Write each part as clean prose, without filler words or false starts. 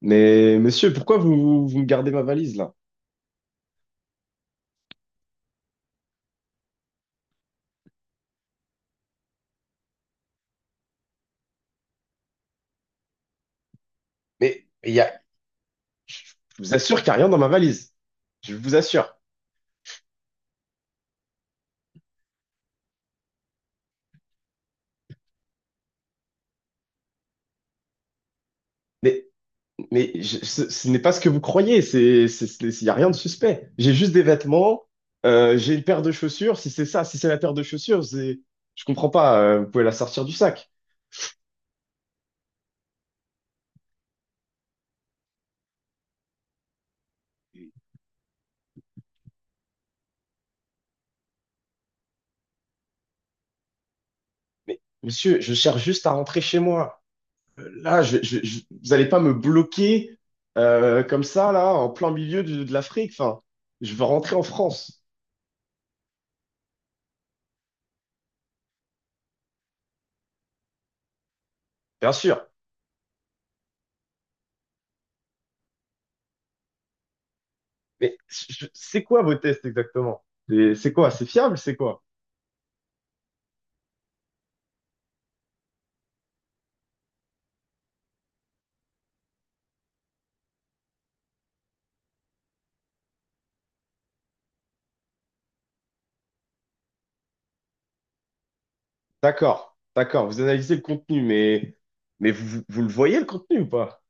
Mais monsieur, pourquoi vous me gardez ma valise là? Mais il y a, je vous assure qu'il n'y a rien dans ma valise. Je vous assure. Mais, Ce n'est pas ce que vous croyez. Il n'y a rien de suspect. J'ai juste des vêtements. J'ai une paire de chaussures. Si c'est ça, si c'est la paire de chaussures, je comprends pas. Vous pouvez la sortir du sac. Mais monsieur, je cherche juste à rentrer chez moi. Là, vous n'allez pas me bloquer comme ça là, en plein milieu de l'Afrique. Enfin, je veux rentrer en France. Bien sûr. C'est quoi vos tests exactement? Et c'est quoi? C'est fiable? C'est quoi? D'accord, d'accord. Vous analysez le contenu, mais vous le voyez le contenu ou pas?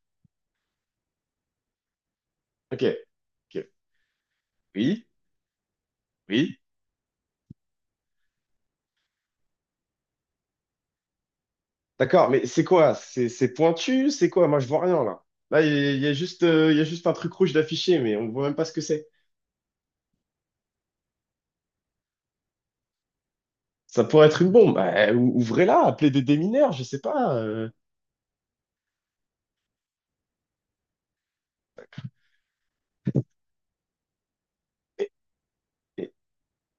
Ok, ok. Oui, oui. D'accord, mais c'est quoi? C'est pointu? C'est quoi? Moi, je vois rien là. Là, il y a juste, Il y a juste un truc rouge d'affiché, mais on voit même pas ce que c'est. Ça pourrait être une bombe. Bah, ouvrez-la, appelez des démineurs, je sais pas. Mais, mais-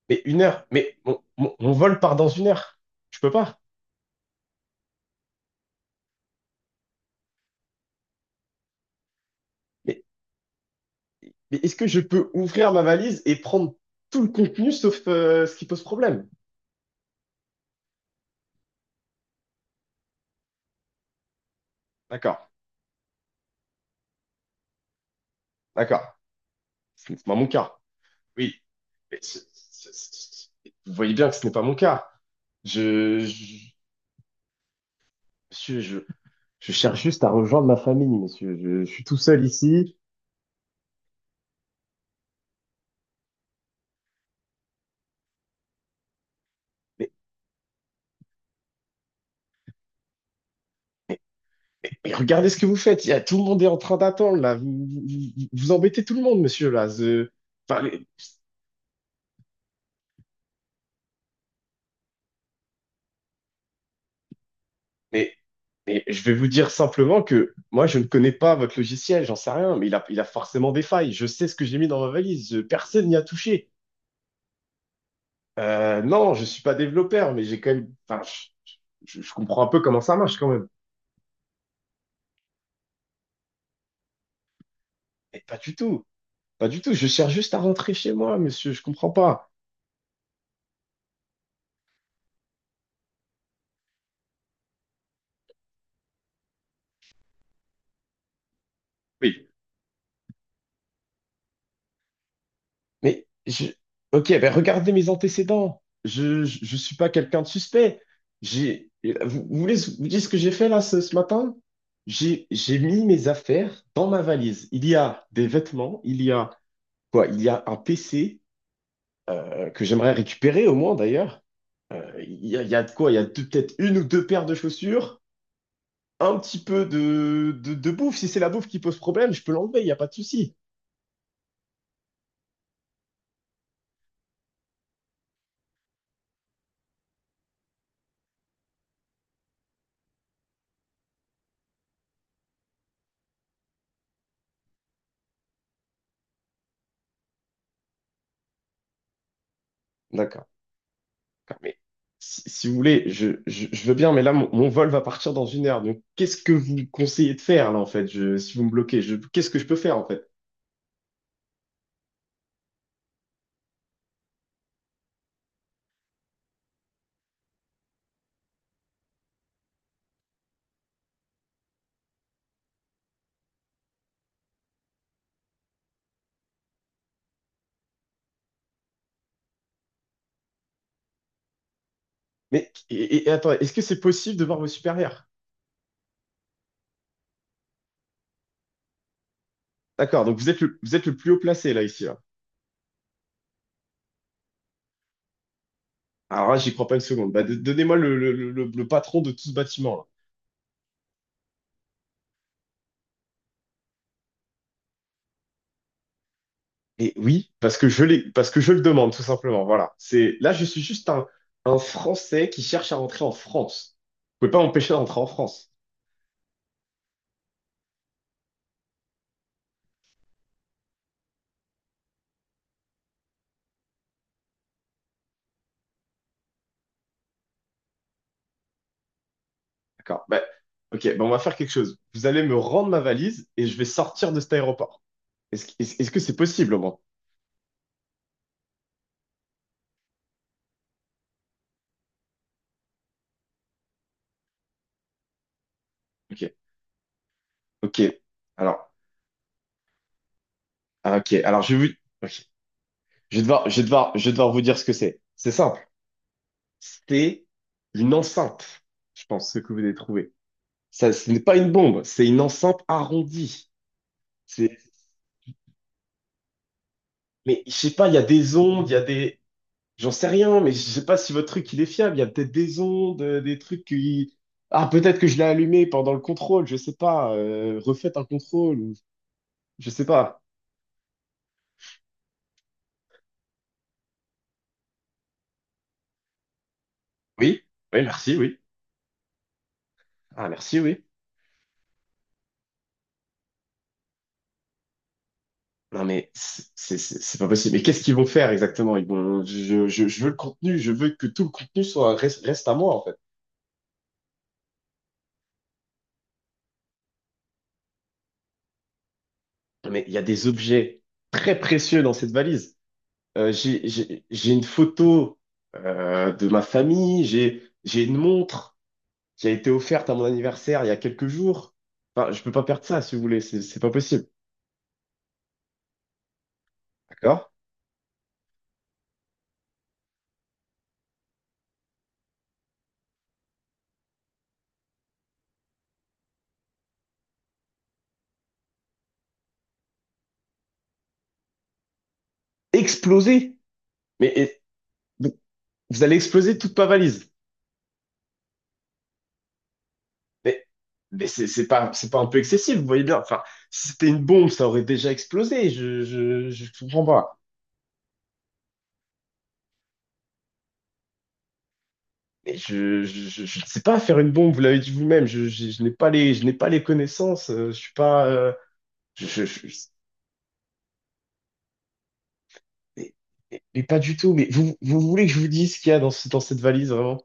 mais une heure. Mais mon vol part dans une heure. Je peux pas. Mais est-ce que je peux ouvrir ma valise et prendre tout le contenu sauf ce qui pose problème? D'accord, d'accord. Ce n'est pas mon cas. Oui. Mais ce- ce- ce- Vous voyez bien que ce n'est pas mon cas. Je, je, Monsieur, je cherche juste à rejoindre ma famille, monsieur. Je suis tout seul ici. Mais, mais- mais regardez ce que vous faites. Tout le monde est en train d'attendre, là. Vous embêtez tout le monde, monsieur, là. Enfin, mais, mais Mais je vais vous dire simplement que moi, je ne connais pas votre logiciel, j'en sais rien, mais il a forcément des failles. Je sais ce que j'ai mis dans ma valise, personne n'y a touché. Non, je suis pas développeur, mais j'ai quand même, enfin, je comprends un peu comment ça marche quand même. Mais pas du tout, pas du tout. Je cherche juste à rentrer chez moi, monsieur, je comprends pas. Oui. Mais je... Ok, ben regardez mes antécédents. Je suis pas quelqu'un de suspect. J'ai vous voulez vous dire ce que j'ai fait là ce matin? J'ai mis mes affaires dans ma valise. Il y a des vêtements, il y a quoi? Il y a un PC que j'aimerais récupérer au moins d'ailleurs. Il y a de quoi? Il y a deux- Peut-être une ou deux paires de chaussures, un petit peu de bouffe. Si c'est la bouffe qui pose problème, je peux l'enlever, il y a pas de souci. D'accord. Mais si vous voulez, je veux bien, mais là, mon vol va partir dans une heure. Donc, qu'est-ce que vous me conseillez de faire, là, en fait, si vous me bloquez, qu'est-ce que je peux faire, en fait? Et attends, est-ce que c'est possible de voir vos supérieurs? D'accord, donc vous êtes le plus haut placé, là, ici, là. Alors là, j'y crois pas une seconde. Bah, donnez-moi le patron de tout ce bâtiment, là. Et oui, parce que je le demande, tout simplement. Voilà. Je suis juste un Français qui cherche à rentrer en France. Vous pouvez pas m'empêcher d'entrer en France. D'accord. Ben, ok, ben on va faire quelque chose. Vous allez me rendre ma valise et je vais sortir de cet aéroport. Est-ce que c'est possible au moins? Ok, ok. Alors, ah, ok. Ok. Je vais devoir vous dire ce que c'est. C'est simple. C'est une enceinte, je pense, ce que vous avez trouvé. Ça, ce n'est pas une bombe, c'est une enceinte arrondie. C'est, mais je sais pas, il y a des ondes, il y a des, j'en sais rien, mais je sais pas si votre truc il est fiable. Il y a peut-être des ondes, des trucs qui. Ah, peut-être que je l'ai allumé pendant le contrôle, je sais pas. Refaites un contrôle, ou je sais pas. Oui, oui, merci, oui. Ah, merci, oui. Non, mais c'est pas possible. Mais qu'est-ce qu'ils vont faire exactement? Ils vont... je veux le contenu, je veux que tout le contenu reste à moi, en fait. Mais il y a des objets très précieux dans cette valise. J'ai une photo de ma famille, j'ai une montre qui a été offerte à mon anniversaire il y a quelques jours. Enfin, je peux pas perdre ça, si vous voulez, c'est pas possible. D'accord? Exploser! Mais et- Vous, vous allez exploser toute ma valise. Mais, c'est c'est pas un peu excessif, vous voyez bien. Enfin, si c'était une bombe, ça aurait déjà explosé. Je comprends pas. Mais je ne sais pas faire une bombe, vous l'avez dit vous-même. Je n'ai pas les, je n'ai pas les connaissances. Je suis pas. Je, je- je- mais, mais pas du tout. Mais vous voulez que je vous dise ce qu'il y a dans cette valise, vraiment?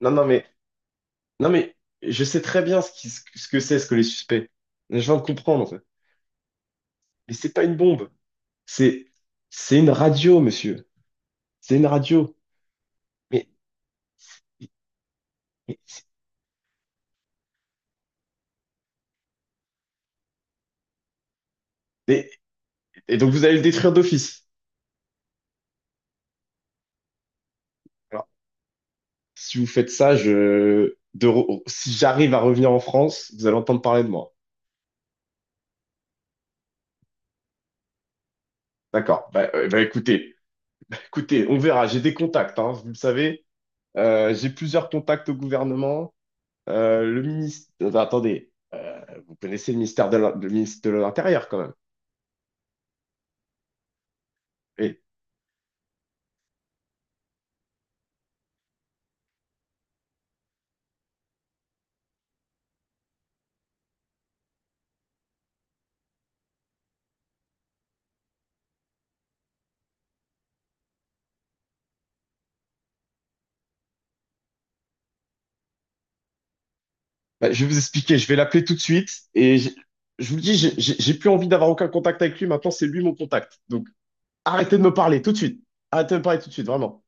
Non, non, mais. Non, mais je sais très bien ce que c'est, ce que les suspects. Je viens de comprendre, en fait. Mais c'est pas une bombe. C'est, c'est une radio, monsieur. C'est une radio. Mais, mais- mais- et donc vous allez le détruire d'office. Alors, si vous faites ça, si j'arrive à revenir en France, vous allez entendre parler de moi. D'accord. Bah, bah, écoutez, écoutez, on verra. J'ai des contacts, hein, vous le savez. J'ai plusieurs contacts au gouvernement. Le ministre, attendez, vous connaissez le ministre de l'Intérieur quand même. Oui. Bah, je vais vous expliquer, je vais l'appeler tout de suite et je vous le dis, j'ai plus envie d'avoir aucun contact avec lui, maintenant c'est lui mon contact. Donc arrêtez de me parler tout de suite. Arrêtez de me parler tout de suite, vraiment.